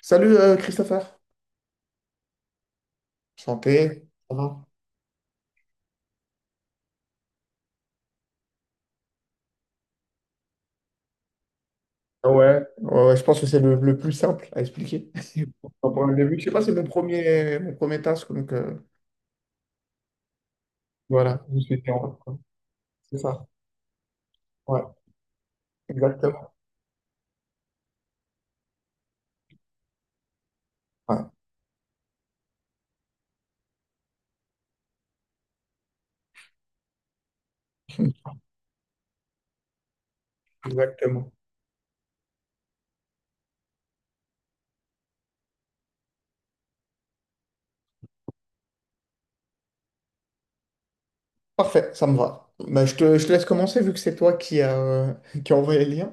Salut Christopher. Santé. Ça va? Ah ouais, ouais, ouais, je pense que c'est le plus simple à expliquer. Enfin, pour le début, je sais pas, c'est mon premier task, donc voilà, je suis en quoi. C'est ça. Ouais, exactement. Ouais, exactement. Parfait, ça me va. Bah, je te laisse commencer vu que c'est toi qui a, qui a envoyé le lien.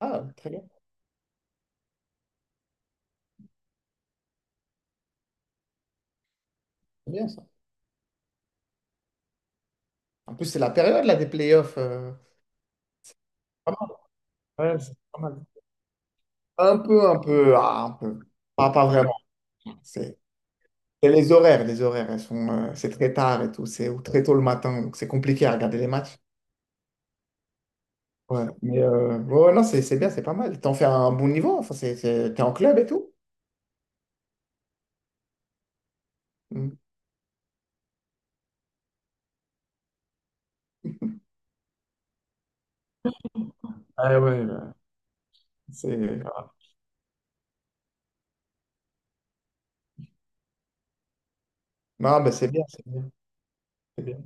Ah, très bien, c'est bien ça. En plus, c'est la période là des playoffs. Pas mal. Ouais, c'est pas mal. Un peu, ah, un peu. Pas, pas vraiment. C'est Et les horaires, elles sont, c'est très tard et tout, c'est ou très tôt le matin, donc c'est compliqué à regarder les matchs. Ouais, mais ouais, ouais, non, c'est bien, c'est pas mal. T'en fais un bon niveau, enfin, t'es en club et tout. Mm. Ah ouais, bah, c'est... Non, bah, c'est bien, c'est bien, c'est bien.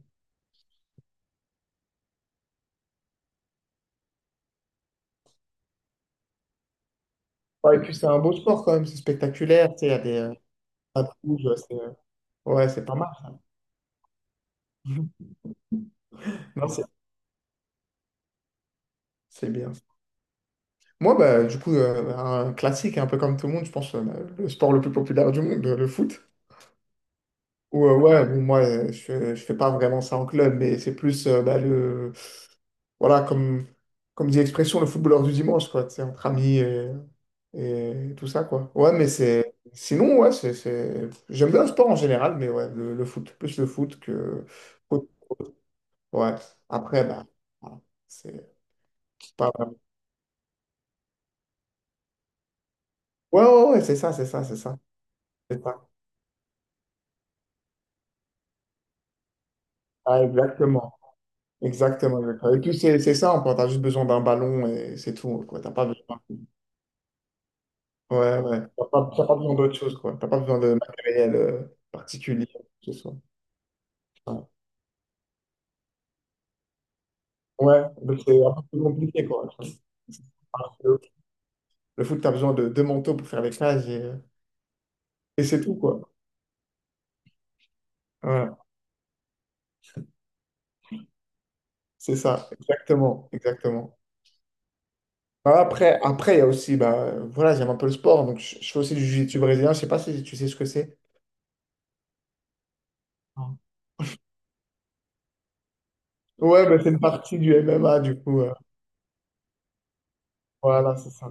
Ouais, et puis c'est un beau sport quand même, c'est spectaculaire, tu sais, il y a des pattes rouges, c'est ouais, c'est pas mal. Non, c'est bien. Moi, bah, du coup, un classique, un peu comme tout le monde, je pense, le sport le plus populaire du monde, le foot. Ouais, ouais, bon, moi, je fais pas vraiment ça en club, mais c'est plus, bah, le, voilà, comme, comme dit l'expression, le footballeur du dimanche, quoi, tu sais, entre amis et tout ça, quoi. Ouais, mais c'est, sinon, ouais, j'aime bien le sport en général, mais ouais, le foot, plus le foot que, foot. Ouais. Après, bah, voilà, c'est pas vraiment. Ouais, ouais, ouais, c'est ça, c'est ça, c'est ça, c'est ça. Ah, exactement, exactement, exactement. Et puis, c'est ça, on t'as juste besoin d'un ballon et c'est tout, quoi, t'as pas besoin. Ouais, ouais. T'as pas besoin d'autre chose, quoi. T'as pas besoin de matériel particulier, quoi que ce soit. Ouais, ouais, donc c'est un peu plus compliqué, quoi. Alors que Le foot, t'as besoin de deux manteaux pour faire les cages et c'est tout, quoi. Voilà, c'est ça, exactement, exactement. Bah, après, il y a aussi, bah, voilà, j'aime un peu le sport, donc je fais aussi du jiu-jitsu brésilien. Je sais pas si tu sais ce que c'est. Non. Ouais, bah, c'est une partie du MMA, du coup. Voilà, c'est ça.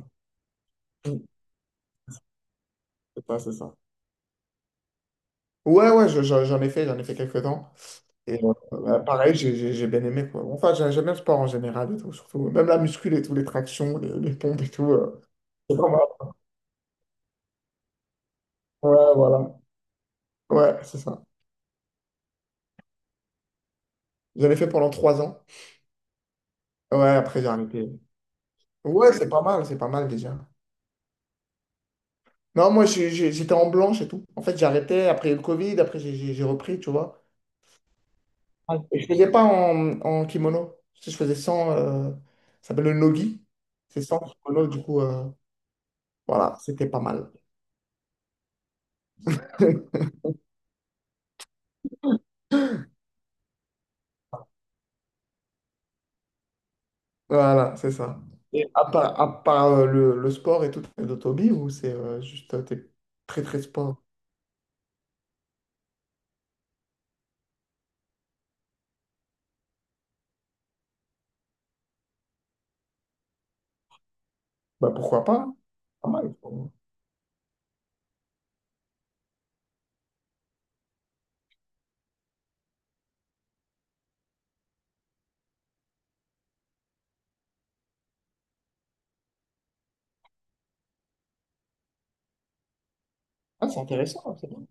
Mm. C'est ça, c'est ça. Ouais, ouais, j'en ai fait quelques temps. Et bah, pareil, j'ai bien aimé, quoi. Enfin, j'aime bien le sport en général et tout, surtout. Même la muscule et tout, les tractions, les pompes et tout. C'est pas mal. Ouais, voilà. Ouais, c'est ça. J'en ai fait pendant 3 ans. Ouais, après j'ai arrêté. Ouais, c'est pas mal déjà. Non, moi j'étais en blanche et tout. En fait, j'ai arrêté après le Covid, après j'ai repris, tu vois. Et je faisais pas en, en kimono. Je faisais sans, ça s'appelle le nogi. C'est sans kimono, du coup. Voilà, c'était pas mal. Voilà, c'est ça. À part, le sport et tout, t'as d'autres hobbies ou c'est juste t'es très très sport? Bah pourquoi pas, hein. Pas mal. Ah, c'est intéressant, c'est bien.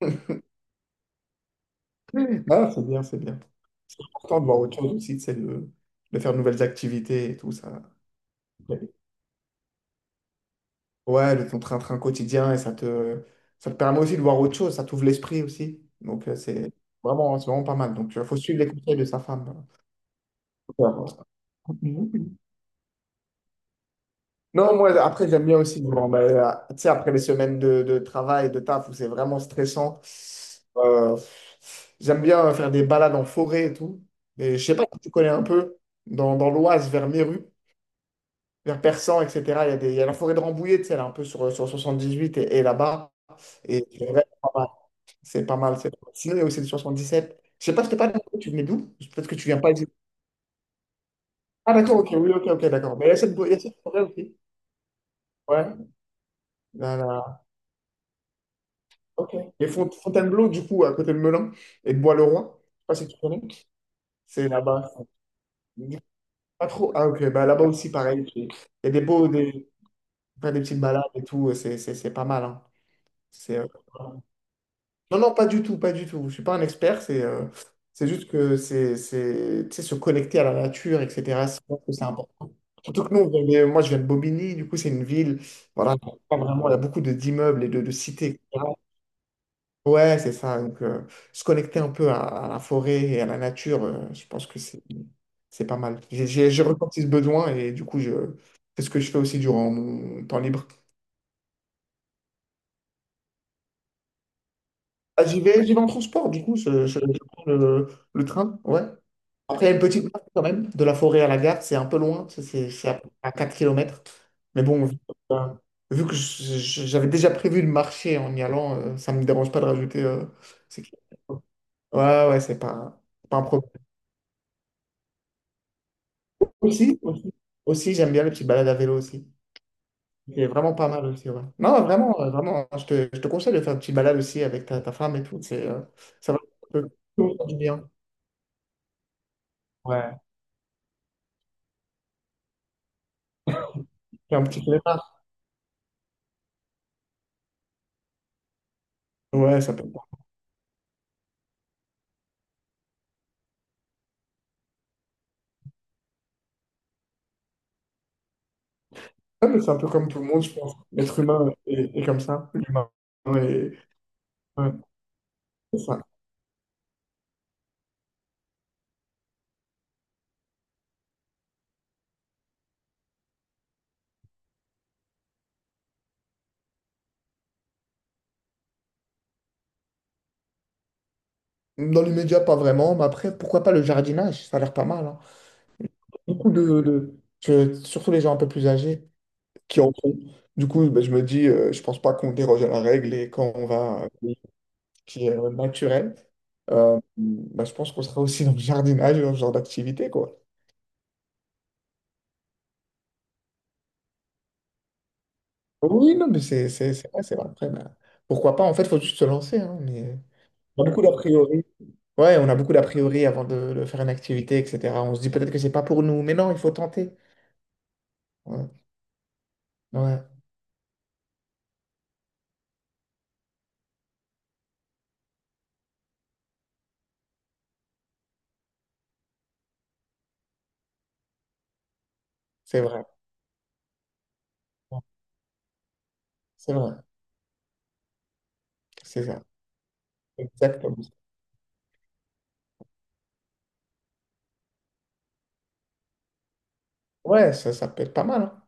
Ah, c'est bien, c'est bien. C'est important de voir autre chose aussi, c'est de faire de nouvelles activités et tout ça. Ouais, le ton train-train quotidien et ça te permet aussi de voir autre chose, ça t'ouvre l'esprit aussi. Donc c'est vraiment pas mal. Donc il faut suivre les conseils de sa femme. Faut faire, Mhm. Non, moi, après, j'aime bien aussi, bon, ben, tu sais, après les semaines de travail, de taf, où c'est vraiment stressant, euh, j'aime bien faire des balades en forêt et tout. Et je sais pas si tu connais un peu, dans l'Oise, vers Méru, vers Persan, etc., il y a la forêt de Rambouillet, tu sais, elle est un peu sur 78 et là-bas. Et c'est vraiment pas mal. C'est pas mal, c'est pas mal. Sinon, il y a aussi le 77. Je sais pas, je t'ai pas dit, tu venais d'où? Peut-être que tu viens pas d'ici. Ah, d'accord, ok, oui, ok, ok, d'accord. Mais il y a il y a cette forêt aussi. Ouais. là là Ok. Et Fontainebleau, du coup, à côté de Melun et de Bois-le-Roi, je sais pas si tu connais, c'est là-bas. Pas trop. Ah, ok. Bah, là-bas aussi, pareil. Il y a des beaux, des, enfin, des petites balades et tout. C'est pas mal, hein. C'est, euh, Non, non, pas du tout, pas du tout. Je suis pas un expert. C'est juste que c'est, tu sais, se connecter à la nature, etc. Je pense que c'est important. Surtout que nous, moi, je viens de Bobigny. Du coup, c'est une ville. Voilà, pas vraiment, il y a beaucoup d'immeubles et de cités. Ouais, c'est ça. Donc, se connecter un peu à la forêt et à la nature, je pense que c'est pas mal. J'ai ressenti ce besoin et du coup, c'est ce que je fais aussi durant mon temps libre. Ah, j'y vais en transport, du coup, je prends le train, ouais. Après, il y a une petite marche quand même, de la forêt à la gare, c'est un peu loin, c'est à 4 km. Mais bon, vu que j'avais déjà prévu de marcher en y allant, ça me dérange pas de rajouter. Ces Ouais, ouais, c'est pas un problème. Aussi, aussi, aussi j'aime bien les petites balades à vélo aussi. C'est vraiment pas mal aussi, ouais. Non, vraiment, vraiment, hein, je te conseille de faire une petite balade aussi avec ta femme et tout. C'est, ça va Ça peut faire du bien. Ouais. C'est un petit départ. Ouais, ça peut Ouais, mais c'est un peu comme tout le monde, je pense. L'être humain est, est comme ça. Est- ouais, c'est ça. Dans l'immédiat, pas vraiment, mais après, pourquoi pas le jardinage? Ça a l'air pas mal, hein. Beaucoup de- que- Surtout les gens un peu plus âgés, qui en font. Du coup, ben, je me dis, je pense pas qu'on déroge à la règle et quand on va à un pays qui est naturel, ben, je pense qu'on sera aussi dans le jardinage, dans ce genre d'activité, quoi. Oui, non, mais c'est vrai, c'est vrai. Après, ben, pourquoi pas? En fait, il faut juste se lancer, hein, mais... On a beaucoup d'a priori. Ouais, on a beaucoup d'a priori avant de faire une activité, etc. On se dit peut-être que c'est pas pour nous, mais non, il faut tenter. Ouais, ouais, c'est vrai. Ouais, c'est vrai, c'est ça. Exactement. Ouais, ça peut être pas mal, hein.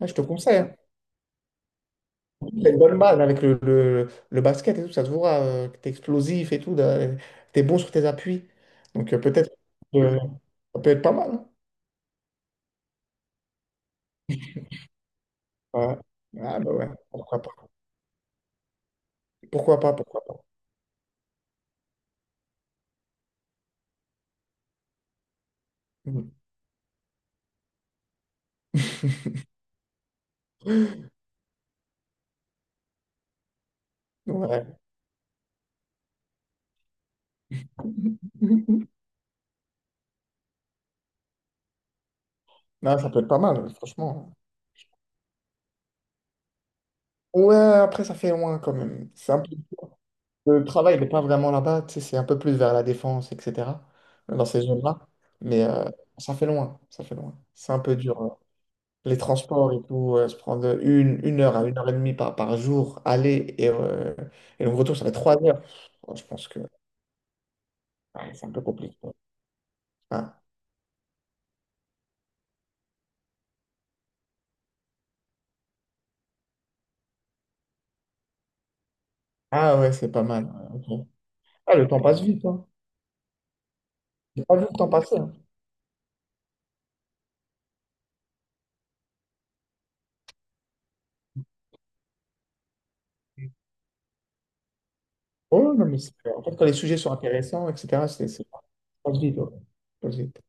Ouais, je te conseille, hein. T'as une bonne balle avec le, le basket et tout, ça se voit que t'es explosif et tout, de- t'es bon sur tes appuis. Donc peut-être euh, ça peut être pas mal, hein. Ouais. Ah bah ouais, pourquoi pas. Pourquoi pas, pourquoi pas. Mhm. Ouais. Non, ça peut être pas mal, franchement. Ouais, après ça fait loin quand même. C'est un peu... Le travail n'est pas vraiment là-bas, tu sais, c'est un peu plus vers la défense, etc. Dans ces zones-là. Mais ça fait loin, ça fait loin. C'est un peu dur. Les transports et tout, se prendre 1 heure à 1 heure et demie par, par jour, aller et le retour, ça fait 3 heures. Oh, Je pense que Ah, c'est un peu compliqué. Ah, ah ouais, c'est pas mal. Ouais, ok. Ah, le temps passe vite, hein. J'ai pas vu le temps passer, hein. Oh, non, mais c'est- en fait, quand les sujets sont intéressants, etc., ça passe vite. Ouais. Ça passe vite.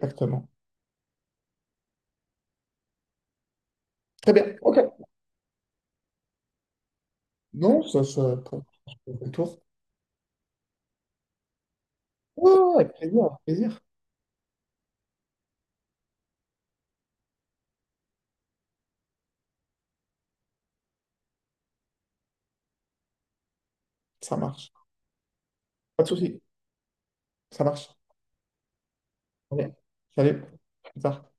Exactement. Très bien, ok. Non, ça, pour le tour. Ouais, ouais, ouais, avec plaisir, avec plaisir. Ça marche. Pas de souci, ça marche. Allez, salut. Au revoir.